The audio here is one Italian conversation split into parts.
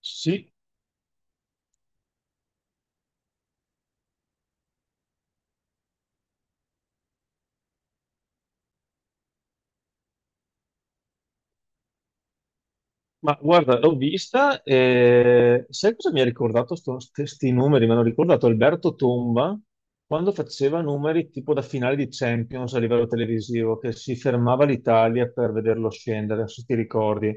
Sì, ma guarda, l'ho vista e sai cosa mi ha ricordato questi numeri? Mi hanno ricordato Alberto Tomba quando faceva numeri tipo da finale di Champions a livello televisivo, che si fermava l'Italia per vederlo scendere, se ti ricordi.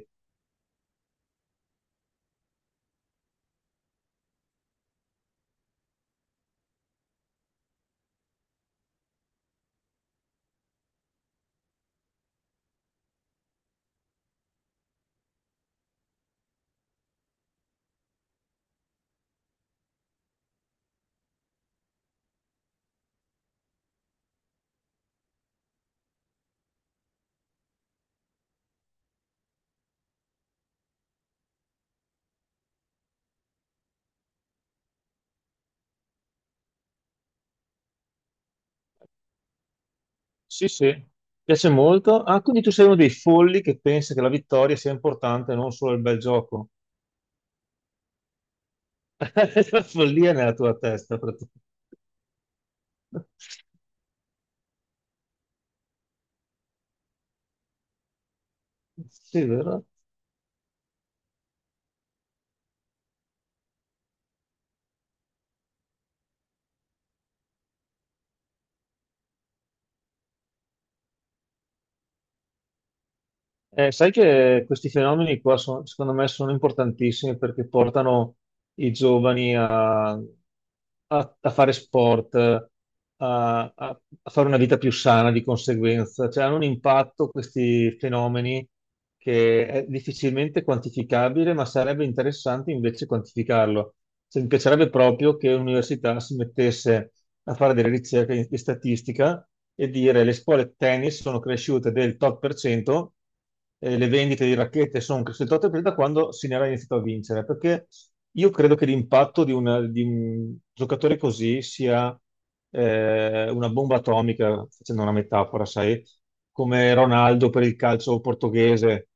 Sì, sì, piace molto. Ah, quindi tu sei uno dei folli che pensa che la vittoria sia importante, non solo il bel gioco. La follia è nella tua testa, praticamente. Sì, vero? Sai che questi fenomeni qua secondo me sono importantissimi perché portano i giovani a fare sport, a fare una vita più sana di conseguenza. Cioè, hanno un impatto questi fenomeni che è difficilmente quantificabile, ma sarebbe interessante invece quantificarlo. Cioè, mi piacerebbe proprio che l'università si mettesse a fare delle ricerche di statistica e dire le scuole tennis sono cresciute del tot per cento, le vendite di racchette sono cresciute il 8% da quando Sinera ha iniziato a vincere, perché io credo che l'impatto di un giocatore così sia una bomba atomica, facendo una metafora, sai, come Ronaldo per il calcio portoghese.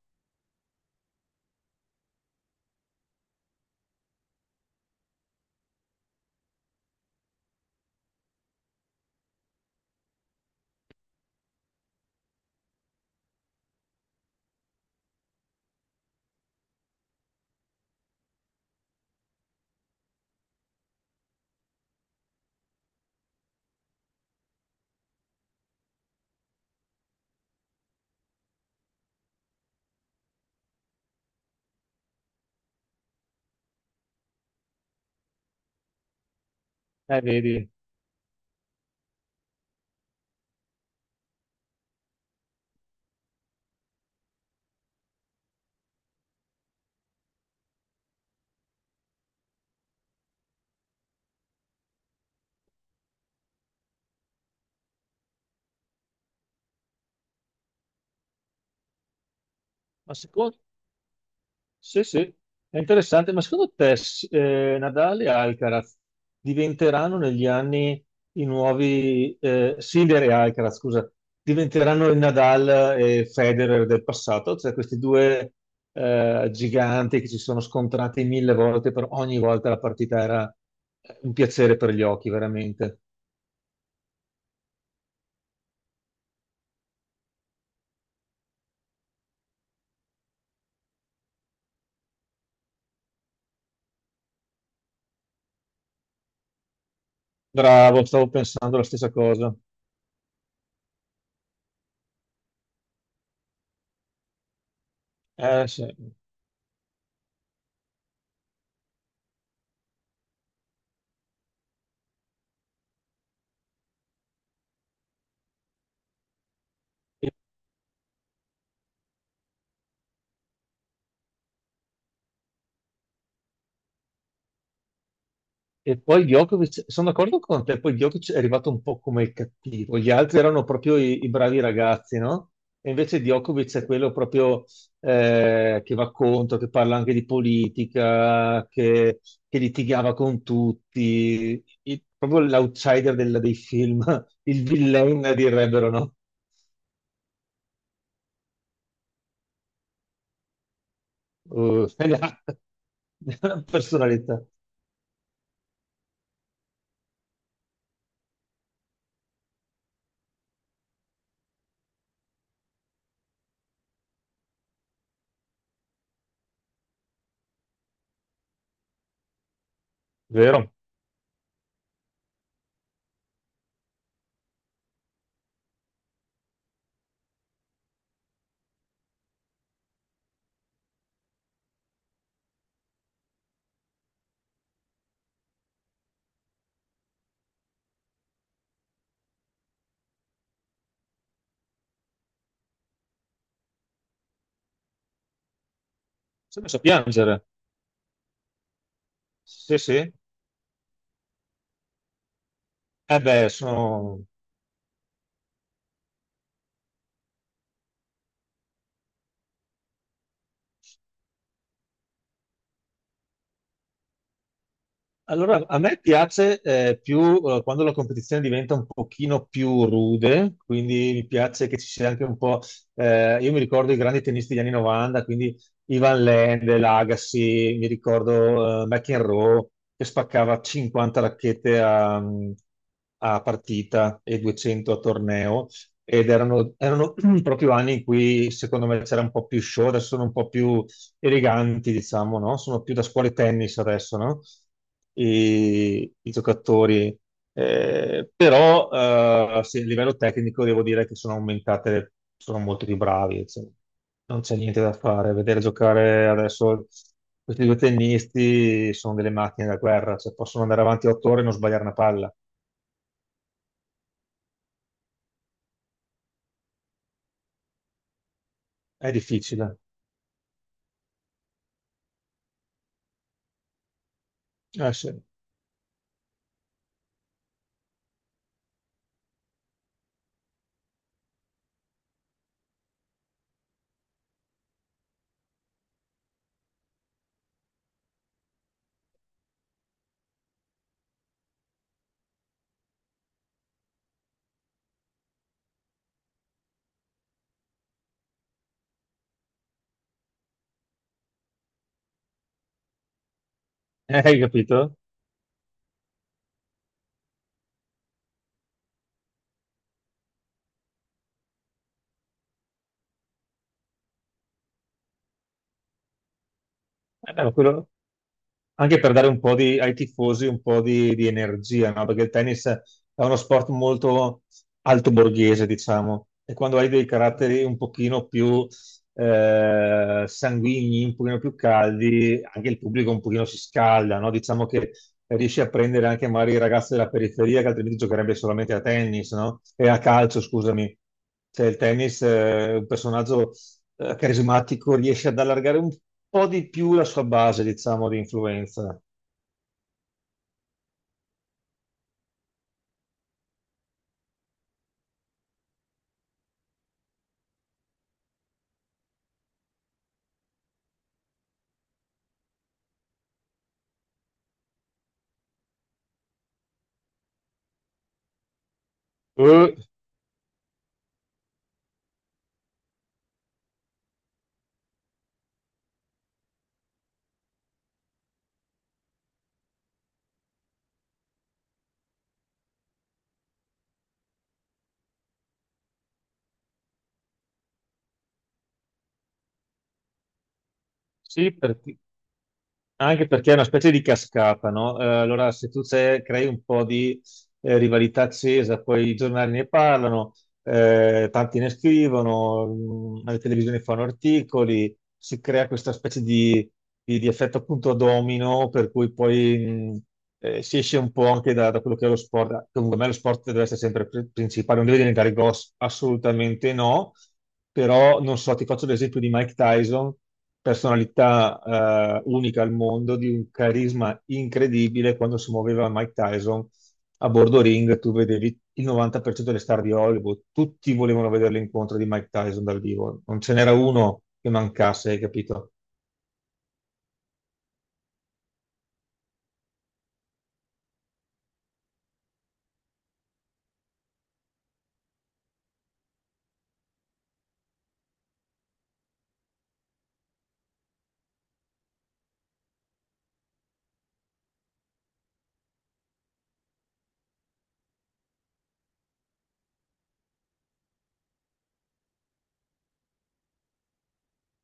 Vedi. Sì, sì, è interessante, ma secondo te Nadal e Alcaraz diventeranno negli anni i nuovi, Sinner e Alcaraz, scusa, diventeranno il Nadal e Federer del passato? Cioè questi due giganti che si sono scontrati mille volte, per ogni volta la partita era un piacere per gli occhi, veramente. Bravo, stavo pensando la stessa cosa. Sì. E poi Djokovic, sono d'accordo con te, poi Djokovic è arrivato un po' come il cattivo, gli altri erano proprio i bravi ragazzi, no? E invece Djokovic è quello proprio che va contro, che parla anche di politica, che litigava con tutti, proprio l'outsider dei film, il villain direbbero, no? Uh, è la, è la personalità, vero? Ci ho messo a piangere, sì sì. Eh beh, sono allora, a me piace più quando la competizione diventa un pochino più rude, quindi mi piace che ci sia anche un po'. Io mi ricordo i grandi tennisti degli anni 90, quindi Ivan Lendl, Agassi, mi ricordo McEnroe che spaccava 50 racchette a partita e 200 a torneo ed erano, erano proprio anni in cui secondo me c'era un po' più show, adesso sono un po' più eleganti, diciamo, no? Sono più da scuole tennis adesso, no? I giocatori. Però sì, a livello tecnico devo dire che sono aumentate, sono molto più bravi, cioè, non c'è niente da fare. Vedere giocare adesso questi due tennisti sono delle macchine da guerra, cioè, possono andare avanti 8 ore e non sbagliare una palla. È difficile. Sì. Hai capito? No. Anche per dare un po' di, ai tifosi un po' di energia, no? Perché il tennis è uno sport molto alto borghese, diciamo, e quando hai dei caratteri un pochino più sanguigni, un pochino più caldi, anche il pubblico un pochino si scalda, no? Diciamo che riesci a prendere anche magari i ragazzi della periferia che altrimenti giocherebbe solamente a tennis, no? E a calcio, scusami. Cioè, il tennis è un personaggio carismatico, riesce ad allargare un po' di più la sua base, diciamo, di influenza. Eh, sì. perché Anche perché è una specie di cascata, no? Allora, se tu crei un po' di rivalità accesa, poi i giornali ne parlano, tanti ne scrivono, le televisioni fanno articoli, si crea questa specie di, di effetto appunto domino, per cui poi si esce un po' anche da, quello che è lo sport. Comunque, a me lo sport deve essere sempre principale, non deve diventare grosso, assolutamente no, però non so, ti faccio l'esempio di Mike Tyson, personalità unica al mondo, di un carisma incredibile. Quando si muoveva Mike Tyson a bordo ring, tu vedevi il 90% delle star di Hollywood, tutti volevano vedere l'incontro di Mike Tyson dal vivo, non ce n'era uno che mancasse, hai capito?